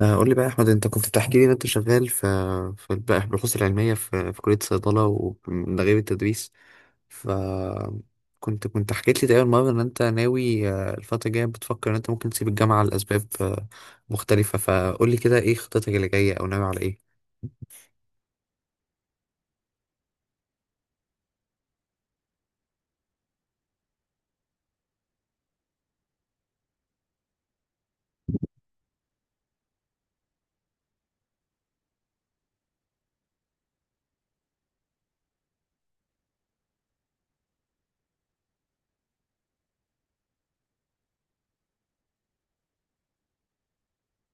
قول لي بقى يا احمد، انت كنت بتحكي لي ان انت شغال في في البحوث العلميه في كليه صيدله، ومن غير التدريس. ف كنت كنت حكيت لي تقريبا مره ان انت ناوي، الفتره الجايه بتفكر ان انت ممكن تسيب الجامعه لاسباب مختلفه. فقول لي كده، ايه خطتك اللي جايه او ناوي على ايه؟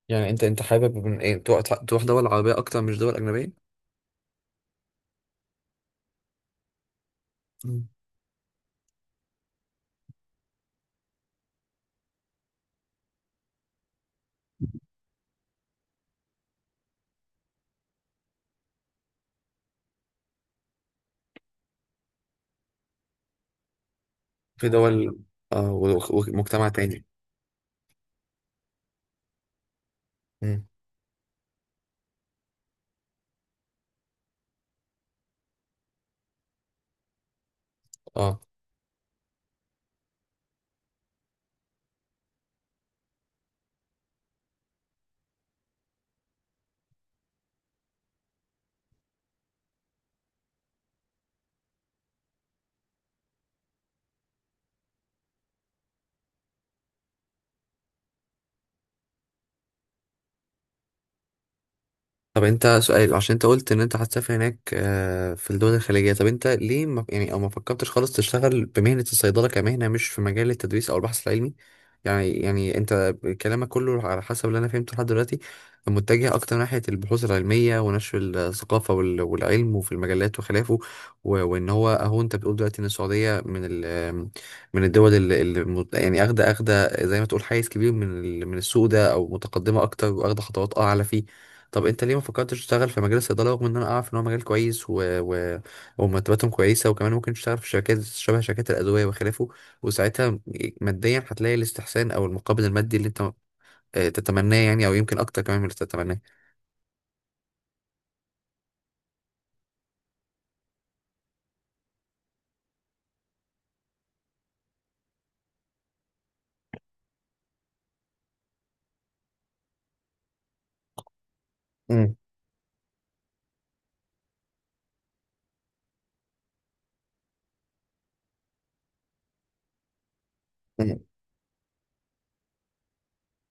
يعني انت حابب من ايه تروح دول عربيه اكتر مش دول اجنبيه؟ مم. في دول، ومجتمع تاني. مم. اه، طب انت سؤال، عشان انت قلت ان انت هتسافر هناك، في الدول الخليجية، طب انت ليه ما يعني او ما فكرتش خالص تشتغل بمهنة الصيدلة كمهنة، مش في مجال التدريس او البحث العلمي؟ يعني انت كلامك كله على حسب اللي انا فهمته لحد دلوقتي، متجه اكتر ناحية البحوث العلمية ونشر الثقافة والعلم وفي المجلات وخلافه. وان هو اهو انت بتقول دلوقتي ان السعودية من الدول اللي يعني اخده زي ما تقول حيز كبير من السوق ده، او متقدمة اكتر واخده خطوات اعلى فيه. طب انت ليه ما فكرتش تشتغل في مجال الصيدله، رغم ان انا اعرف ان هو مجال كويس و... ومرتباتهم كويسه، وكمان ممكن تشتغل في شركات شبه شركات الادويه وخلافه، وساعتها ماديا هتلاقي الاستحسان او المقابل المادي اللي انت تتمناه يعني، او يمكن اكتر كمان من اللي تتمناه. امم. امم.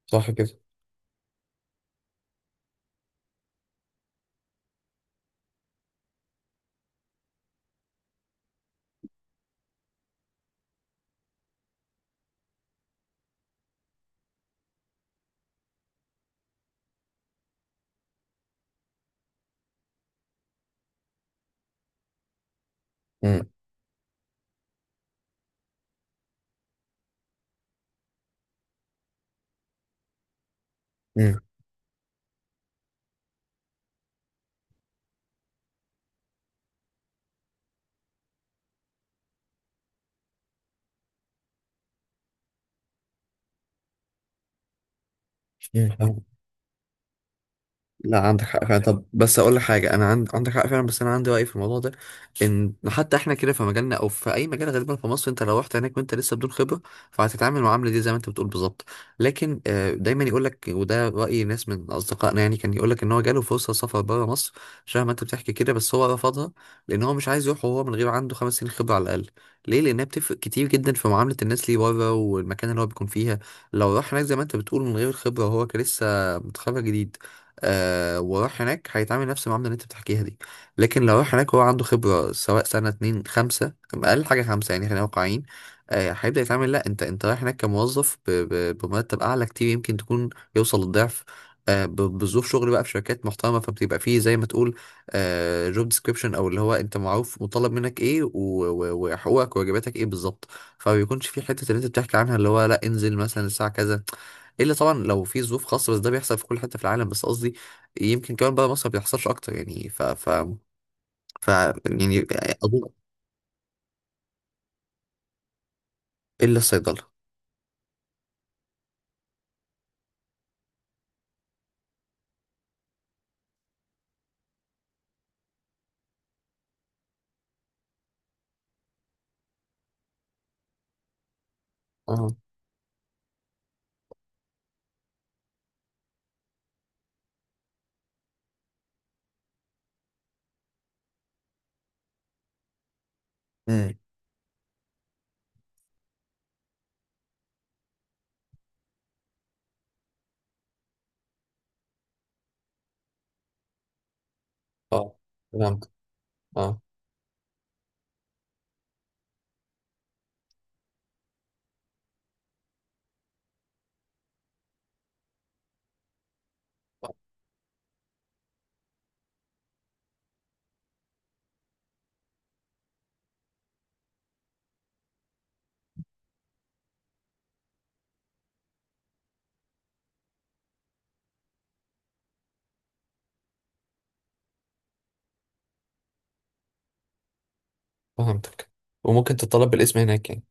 صح كده. امم. امم. لا، عندك حق فعلا. طب بس اقول لك حاجه، انا عندك حق فعلا، بس انا عندي راي في الموضوع ده. ان حتى احنا كده في مجالنا او في اي مجال غالبا في مصر، انت لو رحت هناك وانت لسه بدون خبره، فهتتعامل المعامله دي زي ما انت بتقول بالظبط. لكن دايما يقول لك، وده راي ناس من اصدقائنا، يعني كان يقول لك ان هو جاله فرصه سفر بره مصر شبه ما انت بتحكي كده، بس هو رفضها، لان هو مش عايز يروح وهو من غير عنده 5 سنين خبره على الاقل. ليه؟ لانها بتفرق كتير جدا في معامله الناس ليه بره، والمكان اللي هو بيكون فيها. لو راح هناك زي ما انت بتقول من غير الخبره، وهو كان لسه متخرج جديد، وراح هناك، هيتعامل نفس المعاملة اللي انت بتحكيها دي. لكن لو راح هناك هو عنده خبرة، سواء سنة اتنين خمسة، أقل حاجة خمسة يعني، خلينا واقعيين. هيبدأ يتعامل، لا، انت رايح هناك كموظف بمرتب أعلى كتير، يمكن تكون يوصل للضعف. بظروف شغل بقى في شركات محترمة، فبتبقى فيه زي ما تقول جوب ديسكريبشن، أو اللي هو انت معروف مطالب منك ايه وحقوقك وواجباتك ايه بالظبط. فما بيكونش في حتة اللي انت بتحكي عنها، اللي هو لا انزل مثلا الساعة كذا، الا طبعا لو في ظروف خاصه، بس ده بيحصل في كل حته في العالم. بس قصدي يمكن كمان بره مصر ما بيحصلش اكتر يعني. ف ف ف يعني اظن، الا الصيدله. اه. امم. اه، فهمت. اه، فهمتك. وممكن تطلب بالاسم هناك يعني.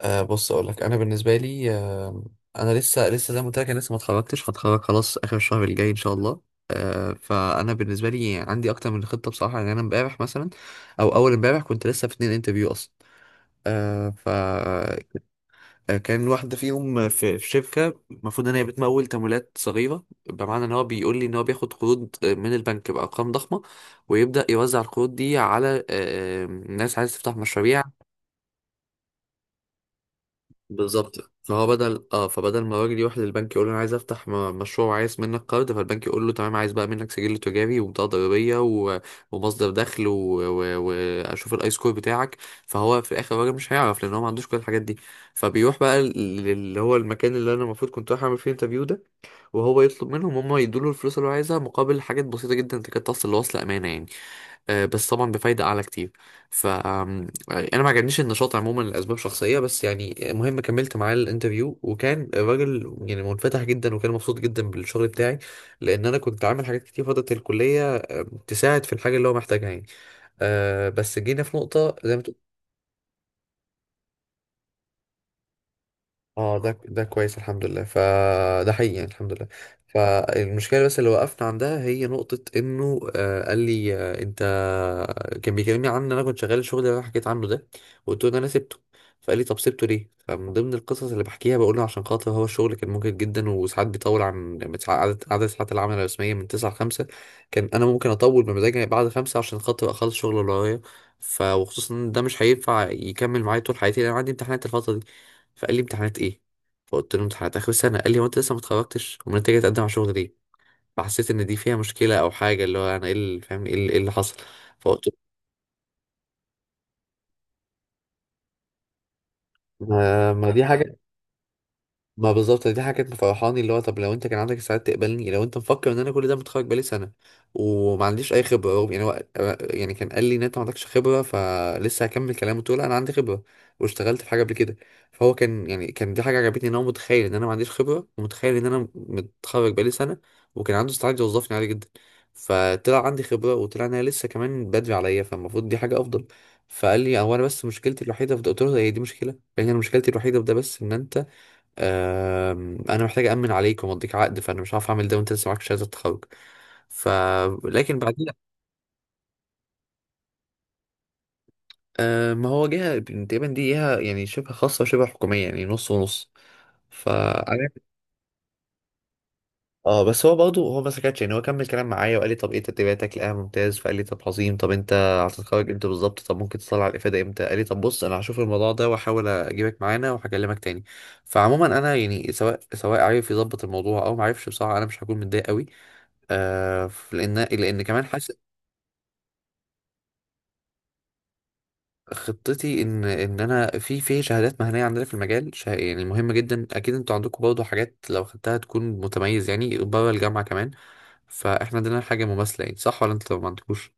بص اقول لك، انا بالنسبه لي، انا لسه زي ما قلت لك، انا لسه ما اتخرجتش، هتخرج خلاص اخر الشهر الجاي ان شاء الله. فانا بالنسبه لي عندي اكتر من خطه بصراحه، يعني انا امبارح مثلا، او اول امبارح، كنت لسه في 2 انترفيو اصلا. آه ف آه، كان واحدة فيهم في شركة، المفروض إن هي بتمول تمويلات صغيرة. بمعنى إن هو بيقول لي إن هو بياخد قروض من البنك بأرقام ضخمة، ويبدأ يوزع القروض دي على ناس عايزة تفتح مشاريع. بالظبط، فهو بدل اه فبدل ما الراجل يروح للبنك يقول له، انا عايز افتح مشروع وعايز منك قرض، فالبنك يقول له تمام، عايز بقى منك سجل تجاري وبطاقه ضريبيه ومصدر دخل واشوف الاي سكور بتاعك. فهو في الاخر الراجل مش هيعرف، لان هو ما عندوش كل الحاجات دي، فبيروح بقى اللي هو المكان اللي انا المفروض كنت رايح اعمل فيه انترفيو ده. وهو يطلب منهم هم يدوله الفلوس اللي هو عايزها مقابل حاجات بسيطة جدا تكاد تصل لوصل أمانة يعني، بس طبعا بفايدة أعلى كتير. فأنا ما عجبنيش النشاط عموما لأسباب شخصية بس، يعني المهم كملت معاه الانترفيو، وكان الراجل يعني منفتح جدا وكان مبسوط جدا بالشغل بتاعي، لأن أنا كنت عامل حاجات كتير فترة الكلية، تساعد في الحاجة اللي هو محتاجها يعني. بس جينا في نقطة زي ما تقول. اه، ده كويس الحمد لله، فده حقيقي يعني الحمد لله. فالمشكله بس اللي وقفنا عندها هي نقطه انه، قال لي انت. كان بيكلمني عن ان انا كنت شغال الشغل اللي انا حكيت عنه ده، وقلت له ان انا سبته. فقال لي طب سبته ليه؟ فمن ضمن القصص اللي بحكيها بقول له، عشان خاطر هو الشغل كان ممكن جدا وساعات بيطول عن عدد ساعات العمل الرسميه من 9 ل 5، كان انا ممكن اطول بمزاجي بعد 5 عشان خاطر اخلص الشغل اللي ورايا. وخصوصا ان ده مش هينفع يكمل معايا طول حياتي، لان أنا عندي امتحانات الفتره دي. فقال لي امتحانات ايه؟ فقلت له امتحانات اخر السنه. قال لي هو انت لسه ما اتخرجتش؟ امال انت جاي تقدم على شغل ليه؟ فحسيت ان دي فيها مشكله او حاجه، اللي هو انا ايه اللي فاهم، ايه اللي إيه اللي حصل. فقلت له ما دي حاجه. ما بالظبط، دي حاجة كانت مفرحاني، اللي هو طب لو انت كان عندك استعداد تقبلني، لو انت مفكر ان انا كل ده متخرج بقالي سنة وما عنديش اي خبرة، يعني هو يعني كان قال لي ان انت ما عندكش خبرة، فلسه هكمل كلامه تقول انا عندي خبرة واشتغلت في حاجة قبل كده. فهو كان يعني كان دي حاجة عجبتني، ان هو متخيل ان انا ما عنديش خبرة ومتخيل ان انا متخرج بقالي سنة، وكان عنده استعداد يوظفني عادي جدا، فطلع عندي خبرة وطلع ان انا لسه كمان بدري عليا، فالمفروض دي حاجة افضل. فقال لي هو، انا بس مشكلتي الوحيدة في ده. قلت له هي دي مشكلة يعني، انا مشكلتي الوحيدة في ده بس ان انت، انا محتاج امن عليك ومضيك عقد، فانا مش عارف اعمل ده وانت لسه معاك شهاده التخرج. ف لكن بعدين، ما هو جهه، تقريبا دي جهه يعني شبه خاصه وشبه حكوميه يعني نص ونص. ف اه بس هو برضه، ما سكتش، يعني هو كمل كلام معايا وقال لي طب ايه تدريباتك، لقاها ممتاز. فقال لي طب عظيم، طب انت هتتخرج امتى بالظبط؟ طب ممكن تطلع على الافاده امتى؟ قال لي طب بص، انا هشوف الموضوع ده واحاول اجيبك معانا وهكلمك تاني. فعموما انا يعني، سواء عارف يظبط الموضوع او ما عرفش، بصراحه انا مش هكون متضايق قوي. لان كمان حاسس. خطتي ان انا في شهادات مهنيه عندنا في المجال يعني مهمه جدا. اكيد انتوا عندكم برضه حاجات لو خدتها تكون متميز يعني بره الجامعه كمان. فاحنا عندنا حاجه مماثله يعني، صح ولا انتوا ما عندكوش؟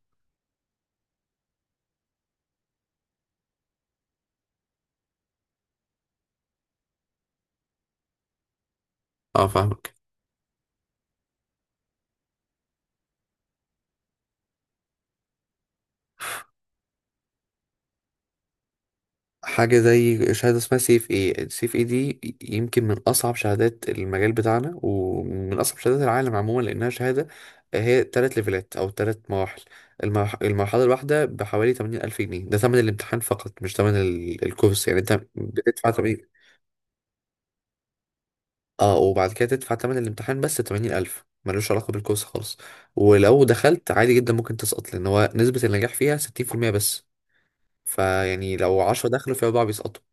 اه، فاهم. حاجة زي شهادة اسمها سي اف اي دي، يمكن من أصعب شهادات المجال بتاعنا ومن أصعب شهادات العالم عموما، لأنها شهادة هي 3 ليفلات أو 3 مراحل. المرحلة الواحدة بحوالي 80,000 ألف جنيه، ده ثمن الامتحان فقط مش ثمن الكورس، يعني أنت بتدفع تمانين. اه، وبعد كده تدفع ثمن الامتحان بس، 80,000 ألف ملوش علاقة بالكورس خالص. ولو دخلت عادي جدا ممكن تسقط، لأن هو نسبة النجاح فيها 60% بس. فيعني لو 10 دخلوا، في أربعة بيسقطوا.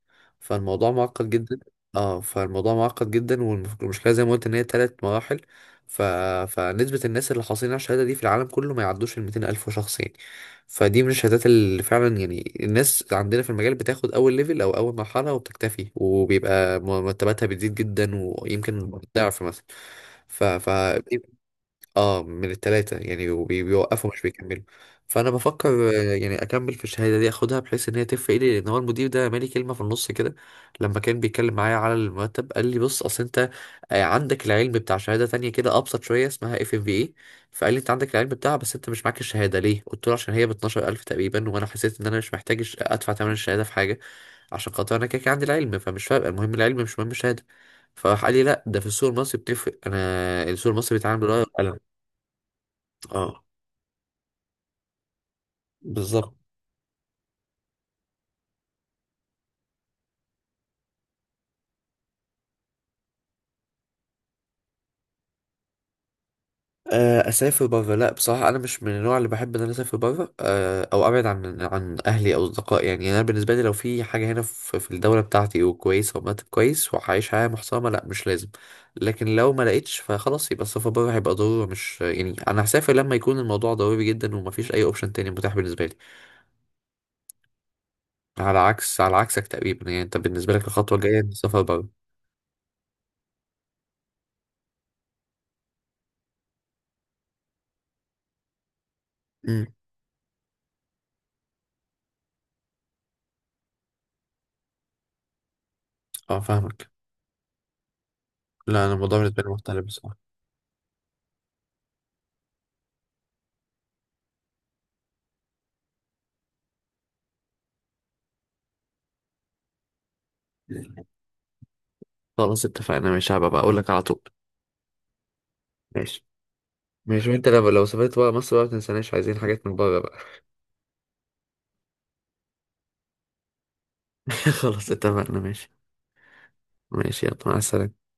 فالموضوع معقد جدا. اه، فالموضوع معقد جدا، والمشكلة زي ما قلت إن هي 3 مراحل. ف... فنسبة الناس اللي حاصلين على الشهادة دي في العالم كله ما يعدوش 200,000 شخص يعني. فدي من الشهادات اللي فعلا يعني الناس عندنا في المجال بتاخد أول ليفل أو أول مرحلة وبتكتفي، وبيبقى مرتباتها بتزيد جدا ويمكن ضعف مثلا. ف... ف اه، من التلاتة يعني، بيوقفوا مش بيكملوا. فانا بفكر يعني اكمل في الشهاده دي، اخدها بحيث ان هي تفرق لي، لان هو المدير ده مالي كلمه في النص كده. لما كان بيتكلم معايا على المرتب قال لي بص اصل انت، عندك العلم بتاع شهاده تانية كده ابسط شويه اسمها اف ام في اي. فقال لي انت عندك العلم بتاعها بس انت مش معاك الشهاده، ليه؟ قلت له عشان هي ب 12,000 تقريبا، وانا حسيت ان انا مش محتاج ادفع ثمن الشهاده في حاجه، عشان خاطر انا كده كده عندي العلم، فمش فارقه، المهم العلم مش مهم الشهاده. فراح قال لي لا، ده في السوق المصري بتفرق. انا السوق المصري بيتعامل بالورقه والقلم. اه، بالظبط. اسافر بره، لا بصراحه انا مش من النوع اللي بحب ان انا اسافر بره، او ابعد عن اهلي او اصدقائي، يعني انا بالنسبه لي لو في حاجه هنا في الدوله بتاعتي وكويسه، ومرتب كويس وعايش حياه محترمه، لا مش لازم. لكن لو ما لقيتش فخلاص، يبقى السفر بره هيبقى ضروره، مش يعني انا هسافر لما يكون الموضوع ضروري جدا ومفيش اي اوبشن تاني متاح بالنسبه لي، على عكسك تقريبا يعني. انت بالنسبه لك الخطوه الجايه السفر بره. امم. اه، فاهمك. لا، انا الموضوع بالنسبه لي مختلف بصراحه. خلاص، اتفقنا، ماشي. هبقى بقى اقول لك على طول. ماشي. ماشي. وانت لو سافرت بقى، مصر بقى ما تنساناش، عايزين حاجات من بره بقى. خلاص، اتفقنا، ماشي. ماشي، يلا مع السلامة.